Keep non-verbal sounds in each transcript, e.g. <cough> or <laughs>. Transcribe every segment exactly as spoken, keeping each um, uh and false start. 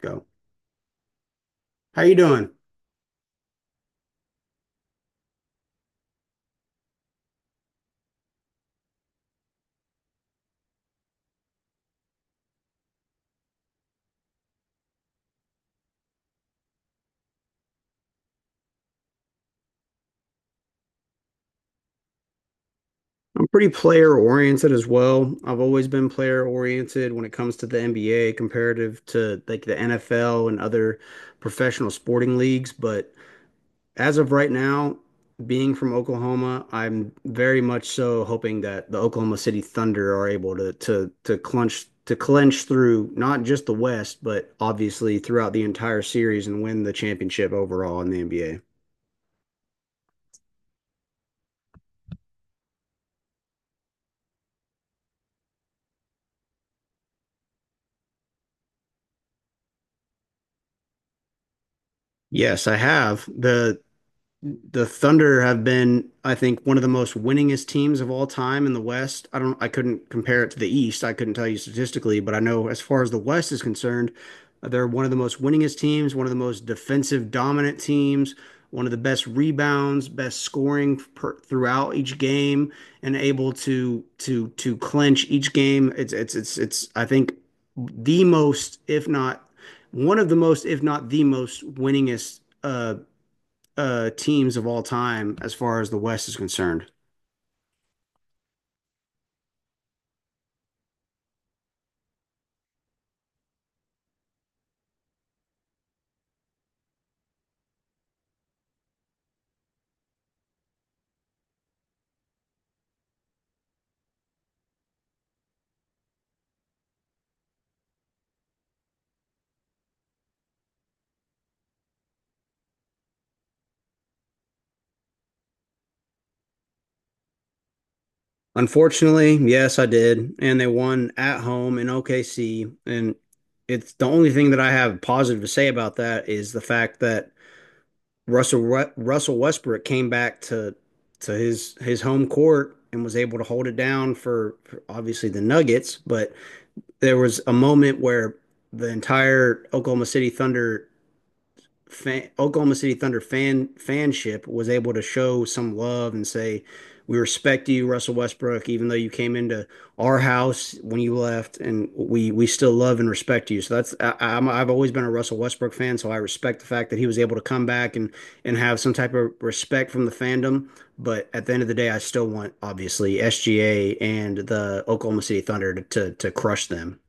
Go. How you doing? I'm pretty player oriented as well. I've always been player oriented when it comes to the N B A comparative to like the N F L and other professional sporting leagues. But as of right now, being from Oklahoma, I'm very much so hoping that the Oklahoma City Thunder are able to to to clinch to clinch through not just the West, but obviously throughout the entire series and win the championship overall in the N B A. Yes, I have. The The Thunder have been, I think, one of the most winningest teams of all time in the West. I don't, I couldn't compare it to the East. I couldn't tell you statistically, but I know as far as the West is concerned, they're one of the most winningest teams, one of the most defensive dominant teams, one of the best rebounds, best scoring per, throughout each game, and able to to to clinch each game. It's it's it's it's I think the most, if not one of the most, if not the most winningest uh uh, teams of all time as far as the West is concerned. Unfortunately, yes, I did, and they won at home in O K C. And it's the only thing that I have positive to say about that is the fact that Russell Russell Westbrook came back to to his his home court and was able to hold it down for, for obviously the Nuggets, but there was a moment where the entire Oklahoma City Thunder fan, Oklahoma City Thunder fan fanship was able to show some love and say, "We respect you, Russell Westbrook, even though you came into our house when you left, and we we still love and respect you." So that's I, I'm, I've always been a Russell Westbrook fan, so I respect the fact that he was able to come back and and have some type of respect from the fandom. But at the end of the day, I still want obviously S G A and the Oklahoma City Thunder to to, to crush them.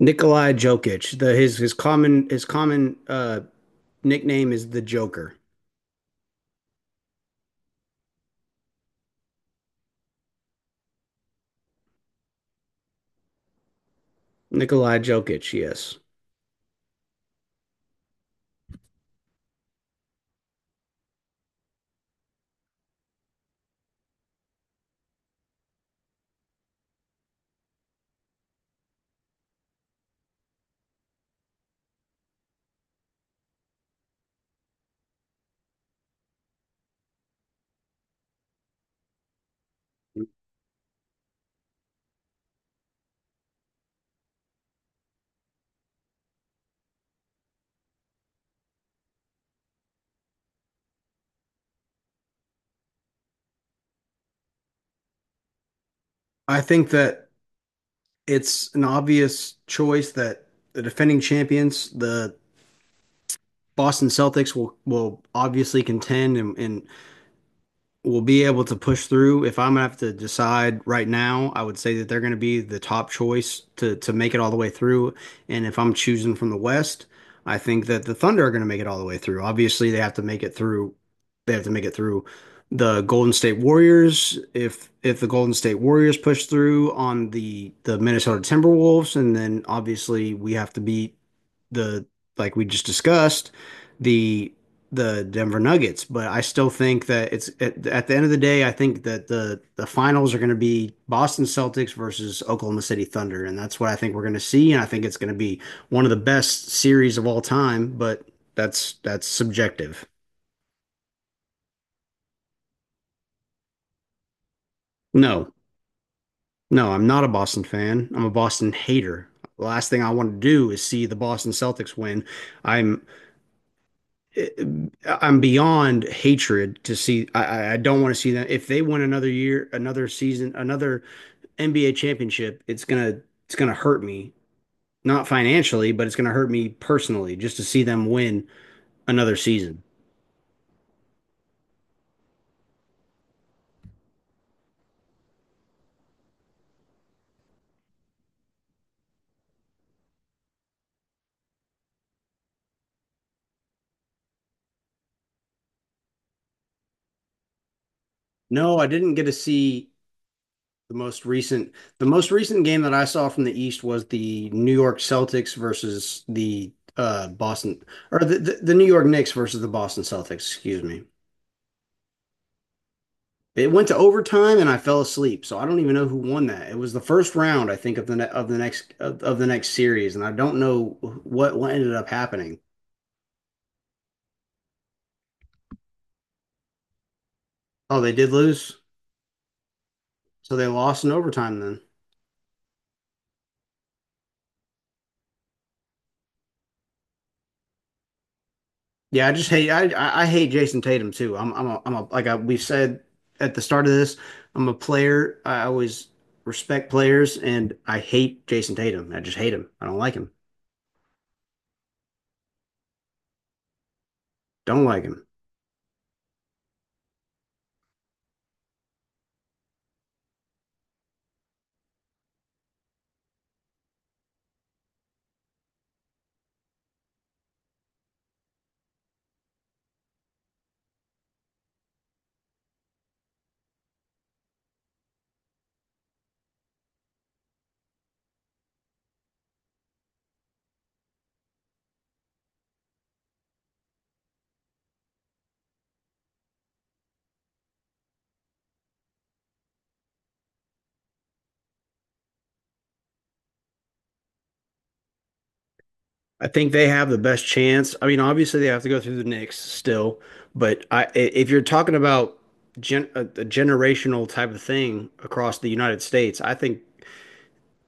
Nikolai Jokic, the his his common his common uh nickname is the Joker. Nikolai Jokic, yes. I think that it's an obvious choice that the defending champions, the Boston Celtics, will will obviously contend and, and will be able to push through. If I'm gonna have to decide right now, I would say that they're gonna be the top choice to to make it all the way through. And if I'm choosing from the West, I think that the Thunder are gonna make it all the way through. Obviously, they have to make it through. They have to make it through the Golden State Warriors. If if the Golden State Warriors push through on the the Minnesota Timberwolves, and then obviously we have to beat the like we just discussed, the the Denver Nuggets. But I still think that it's at, at the end of the day, I think that the the finals are going to be Boston Celtics versus Oklahoma City Thunder, and that's what I think we're going to see. And I think it's going to be one of the best series of all time. But that's that's subjective. No, no, I'm not a Boston fan. I'm a Boston hater. The last thing I want to do is see the Boston Celtics win. I'm I'm beyond hatred to see. I, I- don't want to see them. If they win another year, another season, another N B A championship, it's gonna it's gonna hurt me. Not financially, but it's gonna hurt me personally just to see them win another season. No, I didn't get to see the most recent. The most recent game that I saw from the East was the New York Celtics versus the uh Boston or the, the, the New York Knicks versus the Boston Celtics, excuse me. It went to overtime and I fell asleep, so I don't even know who won that. It was the first round, I think, of the ne of the next of, of the next series, and I don't know what what ended up happening. Oh, they did lose, so they lost in overtime then. Yeah, I just hate I I hate Jason Tatum too. I'm I'm a, I'm a like I, We said at the start of this, I'm a player. I always respect players, and I hate Jason Tatum. I just hate him. I don't like him. Don't like him. I think they have the best chance. I mean, obviously they have to go through the Knicks still, but I, i- if you're talking about gen, a, a generational type of thing across the United States, I think,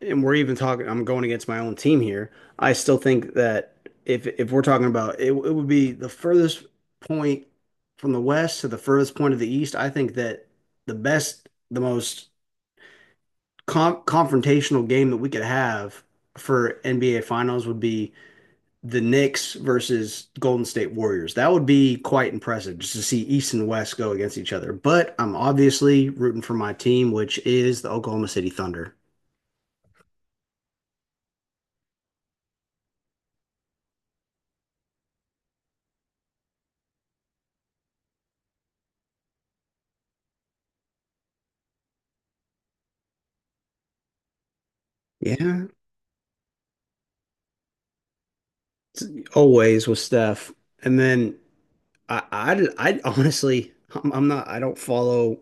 and we're even talking, I'm going against my own team here. I still think that if if we're talking about it, it would be the furthest point from the West to the furthest point of the East. I think that the best, the most con confrontational game that we could have for N B A Finals would be the Knicks versus Golden State Warriors. That would be quite impressive just to see East and West go against each other. But I'm obviously rooting for my team, which is the Oklahoma City Thunder. Yeah, always with Steph. And then I, I, I honestly, I'm, I'm not, I don't follow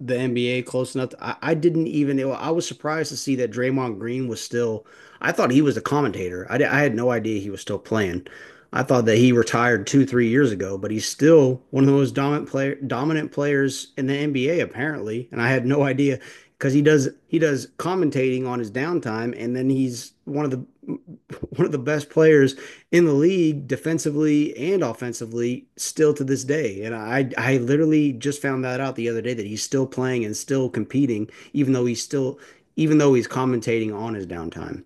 the N B A close enough. To, I, I didn't even, it, I was surprised to see that Draymond Green was still, I thought he was a commentator. I, I had no idea he was still playing. I thought that he retired two, three years ago, but he's still one of the most dominant player, dominant players in the N B A apparently. And I had no idea because he does, he does commentating on his downtime, and then he's one of the, <laughs> one of the best players in the league defensively and offensively still to this day. And I I literally just found that out the other day that he's still playing and still competing, even though he's still even though he's commentating on his downtime.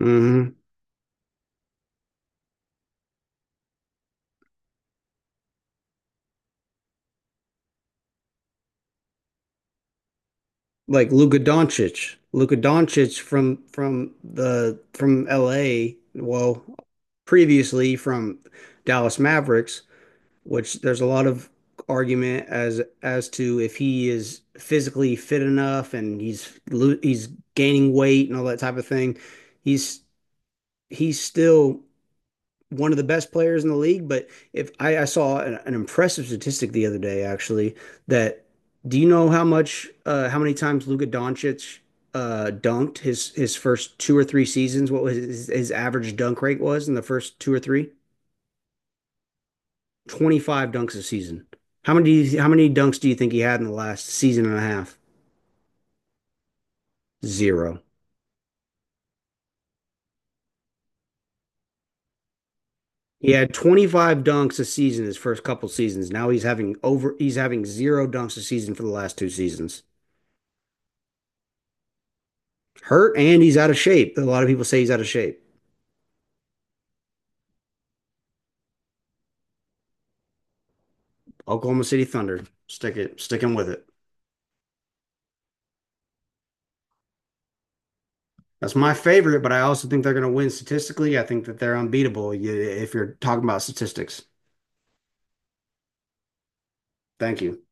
hmm Like Luka Doncic, Luka Doncic from from the from L A, well, previously from Dallas Mavericks, which there's a lot of argument as as to if he is physically fit enough and he's lo- he's gaining weight and all that type of thing. He's he's still one of the best players in the league, but if I, I saw an, an impressive statistic the other day, actually, that do you know how much uh how many times Luka Doncic uh dunked his his first two or three seasons, what was his, his average dunk rate was in the first two or three? twenty-five dunks a season. How many do you, how many dunks do you think he had in the last season and a half? Zero. He had twenty-five dunks a season his first couple seasons. Now he's having over he's having zero dunks a season for the last two seasons. Hurt, and he's out of shape. A lot of people say he's out of shape. Oklahoma City Thunder. Stick it. Stick him with it. That's my favorite, but I also think they're going to win statistically. I think that they're unbeatable if you're talking about statistics. Thank you.